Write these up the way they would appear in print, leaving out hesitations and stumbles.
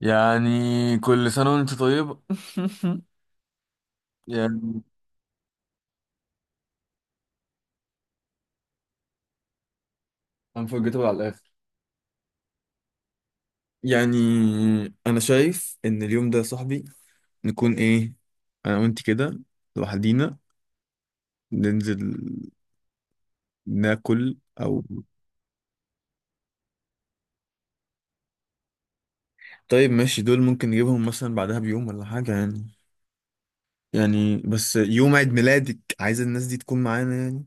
يعني كل سنة وانت طيب. يعني انفورجيتابل على الآخر. يعني أنا شايف إن اليوم ده يا صاحبي نكون إيه، أنا وأنت كده لوحدينا ننزل ناكل أو. طيب ماشي، دول ممكن نجيبهم مثلا بعدها بيوم ولا حاجة يعني. يعني بس يوم عيد ميلادك عايز الناس دي تكون معانا يعني.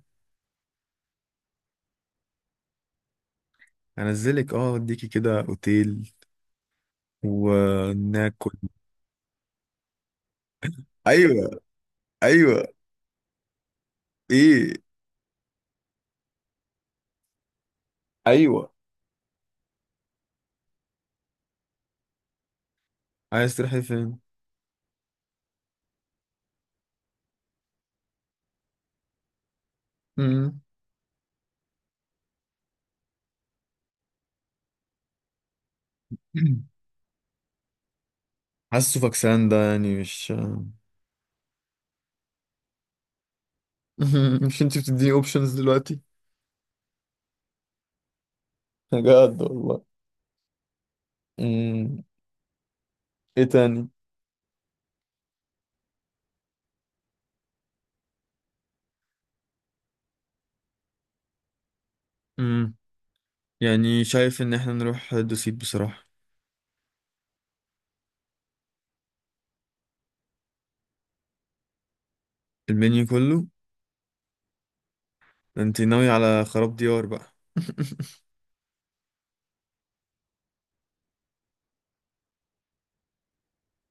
هنزلك، اه، اوديكي كده اوتيل وناكل. ايوه، ايوه. ايه. ايوه، عايز تروحي فين؟ حاسه فاكسان ده يعني مش. مش انت بتديني اوبشنز دلوقتي؟ بجد والله. امم. ايه تاني؟ امم يعني شايف ان احنا نروح دوسيت بصراحة. المنيو كله؟ ده انت ناوي على خراب ديار بقى.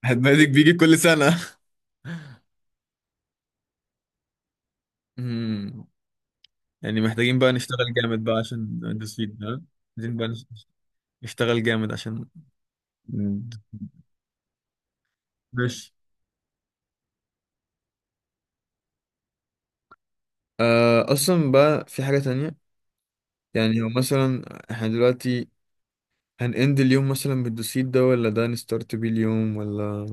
هتبادك بيجي كل سنة. امم يعني محتاجين بقى نشتغل جامد بقى عشان دوسيت ده. عايزين بقى نشتغل جامد عشان. مم. ماشي. اصلا بقى في حاجة تانية يعني، هو مثلا احنا دلوقتي هنأند اليوم مثلا بالدوسيت ده، ولا ده نستارت بيه اليوم، ولا.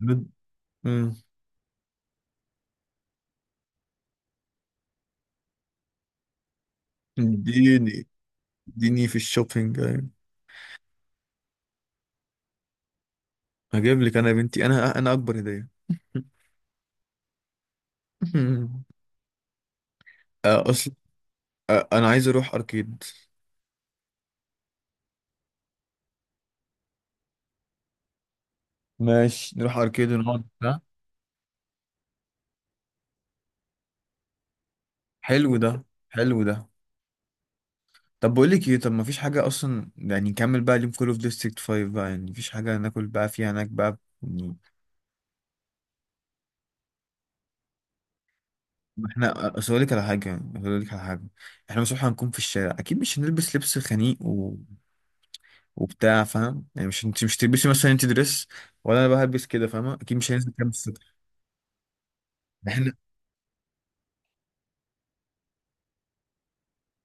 بد- مم. اديني اديني في الشوبينج أيوة. هجيب لك انا يا بنتي، انا اكبر هدية. اصل. انا عايز اروح اركيد. ماشي، نروح اركيد ونقعد ده. حلو ده، حلو ده. طب بقول لك ايه، طب ما فيش حاجه اصلا، يعني نكمل بقى اليوم كله في ديستريكت 5 بقى، يعني مفيش حاجه ناكل بقى فيها هناك بقى يعني. ما احنا اصل اقول لك على حاجه، اقول لك على حاجه. احنا مش هنكون في الشارع اكيد، مش هنلبس لبس خنيق وبتاع فاهم يعني، مش انت مش تلبسي مثلا انت دريس، ولا انا بقى هلبس كده فاهمه، اكيد مش هننزل كام الصبح. احنا.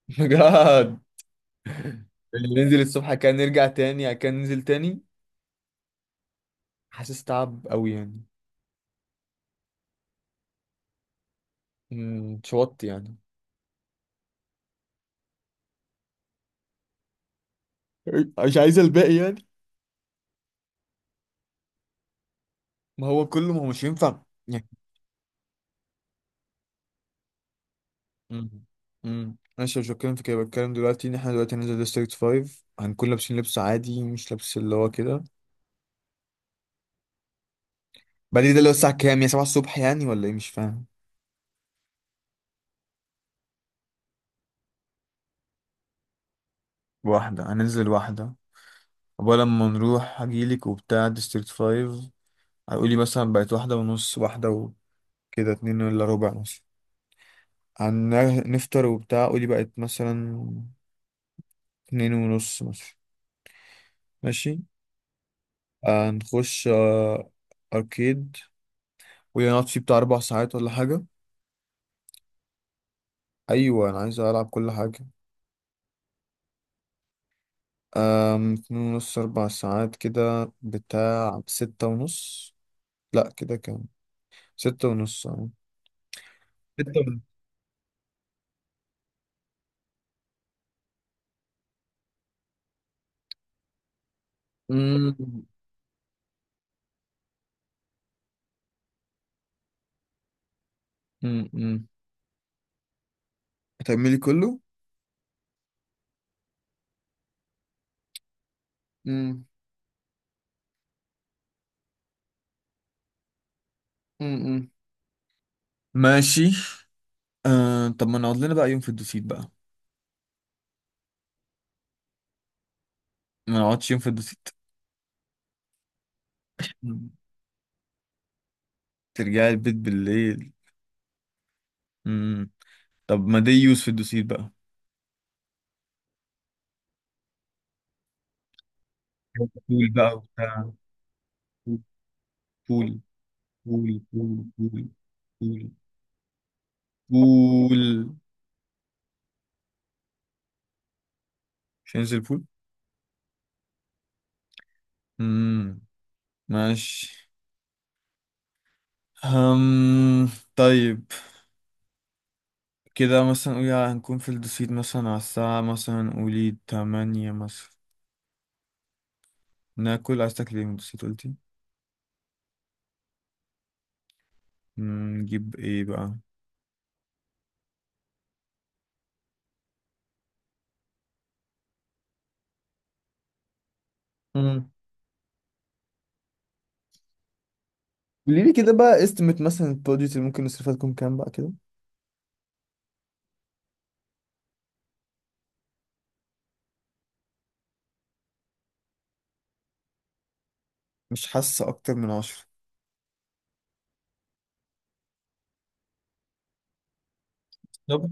بجد. اللي ننزل الصبح كان نرجع تاني كان ننزل تاني. حاسس تعب قوي يعني. اتشوطت يعني. مش عايز الباقي يعني. ما هو كله، ما هو مش ينفع. امم ماشي، مش بتكلم في كده، بتكلم دلوقتي ان احنا دلوقتي هننزل ديستريكت 5 هنكون لابسين لبس عادي مش لبس اللي هو كده. بعدين ده اللي هو الساعة كام؟ يا 7 الصبح يعني، ولا ايه مش فاهم. واحدة، هننزل واحدة. أول لما نروح هجيلك وبتاع ديستريكت 5، هيقولي مثلا بقت واحدة ونص، واحدة وكده اتنين إلا ربع مثلا هنفطر، وبتاع قولي بقت مثلا اتنين ونص مثلا. ماشي. هنخش أركيد ونقعد فيه بتاع 4 ساعات ولا حاجة. ايوه انا عايز العب كل حاجه. اتنين ونص، 4 ساعات، كده بتاع ستة ونص. لا كده كام؟ ستة ونص، اه. ستة ونص. أمم، أمم، أمم. هتعملي كله. أمم، أمم، أمم. ماشي. طب ما نقعد لنا بقى يوم في الدوسيت بقى. ما نقعدش يوم في الدوسيت. أمم. ترجعي البيت بالليل. أمم. طب ما دي يوز في الدوسيت بقى. بول بقى وبتاع. بول، بول، بول، بول، بول، بول. بول. مش هننزل بول. امم ماشي. هم طيب. كده مثلا قولي هنكون في الدوسيت مثلا على الساعة مثلا قولي 8 مثلا. ناكل، عايز تاكل ايه من الدوسيت قلتي؟ نجيب ايه بقى؟ امم قولي لي كده بقى استمت مثلا البادجت اللي ممكن نصرفها تكون كام بقى كده. مش حاسة أكتر من 10. طب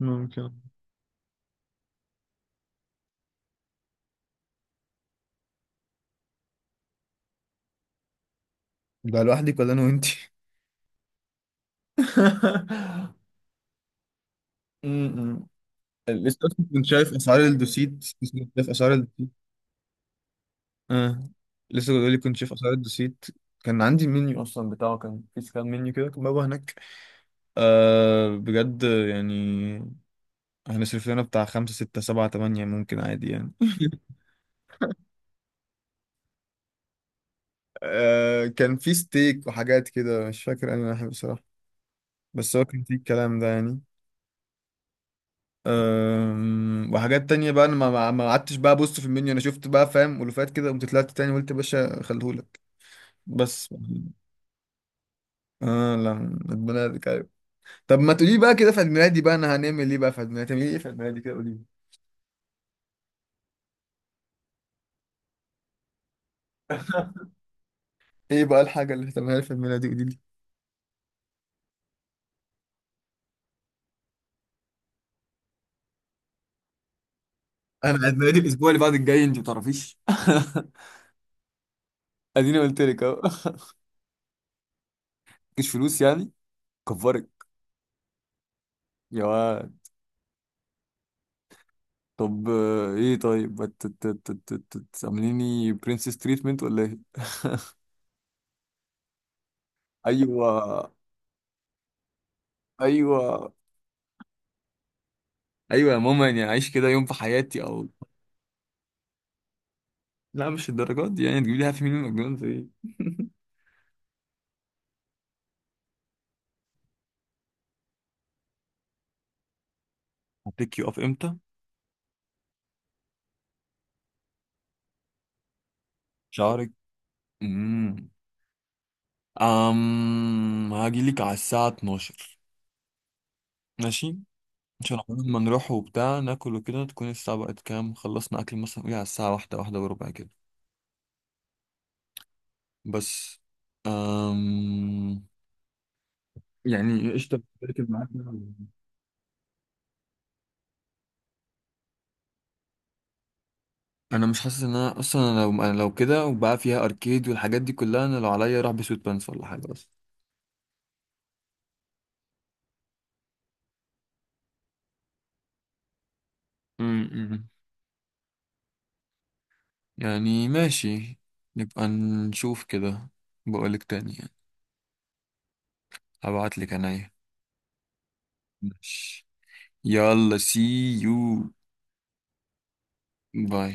ممكن، ده لوحدك ولا أنا وأنتي؟ امم لسه أصلا كنت شايف أسعار الدوسيت. لسه كنت شايف أسعار الدوسيت. اه. لسه بيقول لي كنت شايف اسعار الدوسيت. كان عندي المنيو اصلا بتاعه، كان في سكان منيو كده كان بابا هناك. آه بجد يعني، هنصرف لنا بتاع خمسة ستة سبعة تمانية ممكن عادي يعني. آه، كان في ستيك وحاجات كده، مش فاكر انا الحاجة بصراحة، بس هو كان في الكلام ده يعني. وحاجات تانية بقى، انا ما قعدتش بقى ابص في المنيو. انا شفت بقى فاهم، ألوفات كده، قمت طلعت تاني قلت يا باشا خليهولك بس يعني. اه لا، ربنا يهديك. طب ما تقولي بقى كده في عيد ميلادي بقى انا هنعمل ايه بقى؟ في عيد ميلادي هتعملي ايه في عيد ميلادي كده قولي لي. ايه بقى الحاجه اللي هتعملها لي في عيد ميلادي؟ قولي لي. انا عيد ميلادي الاسبوع اللي بعد الجاي انت ما تعرفيش. اديني قلت لك اهو. مفيش فلوس يعني. كفرك. يا واد. طب ايه، طيب تعمليني برنسس تريتمنت ولا ايه؟ ايوه، ايوه. ايوه يا ماما، يعني اعيش كده يوم في حياتي او. لا مش الدرجات دي، يعني تجيب لي هابي ميل من ماكدونالدز ايه؟ هبيك يو اب امتى؟ شعرك. امم هاجيلك على الساعة 12. ماشي. عشان عقبال ما نروح وبتاع ناكل وكده تكون الساعة بقت كام، خلصنا أكل مثلا قولي على الساعة واحدة، واحدة وربع كده. بس. أم يعني قشطة بركب معاك. أنا مش حاسس إن أنا أصلا أنا لو كده، وبقى فيها أركيد والحاجات دي كلها، أنا لو عليا أروح بسويت بانس ولا حاجة بس. أمم. يعني ماشي، نبقى نشوف كده. بقولك تاني يعني. هبعتلك أنا. ماشي. يلا سي يو. باي.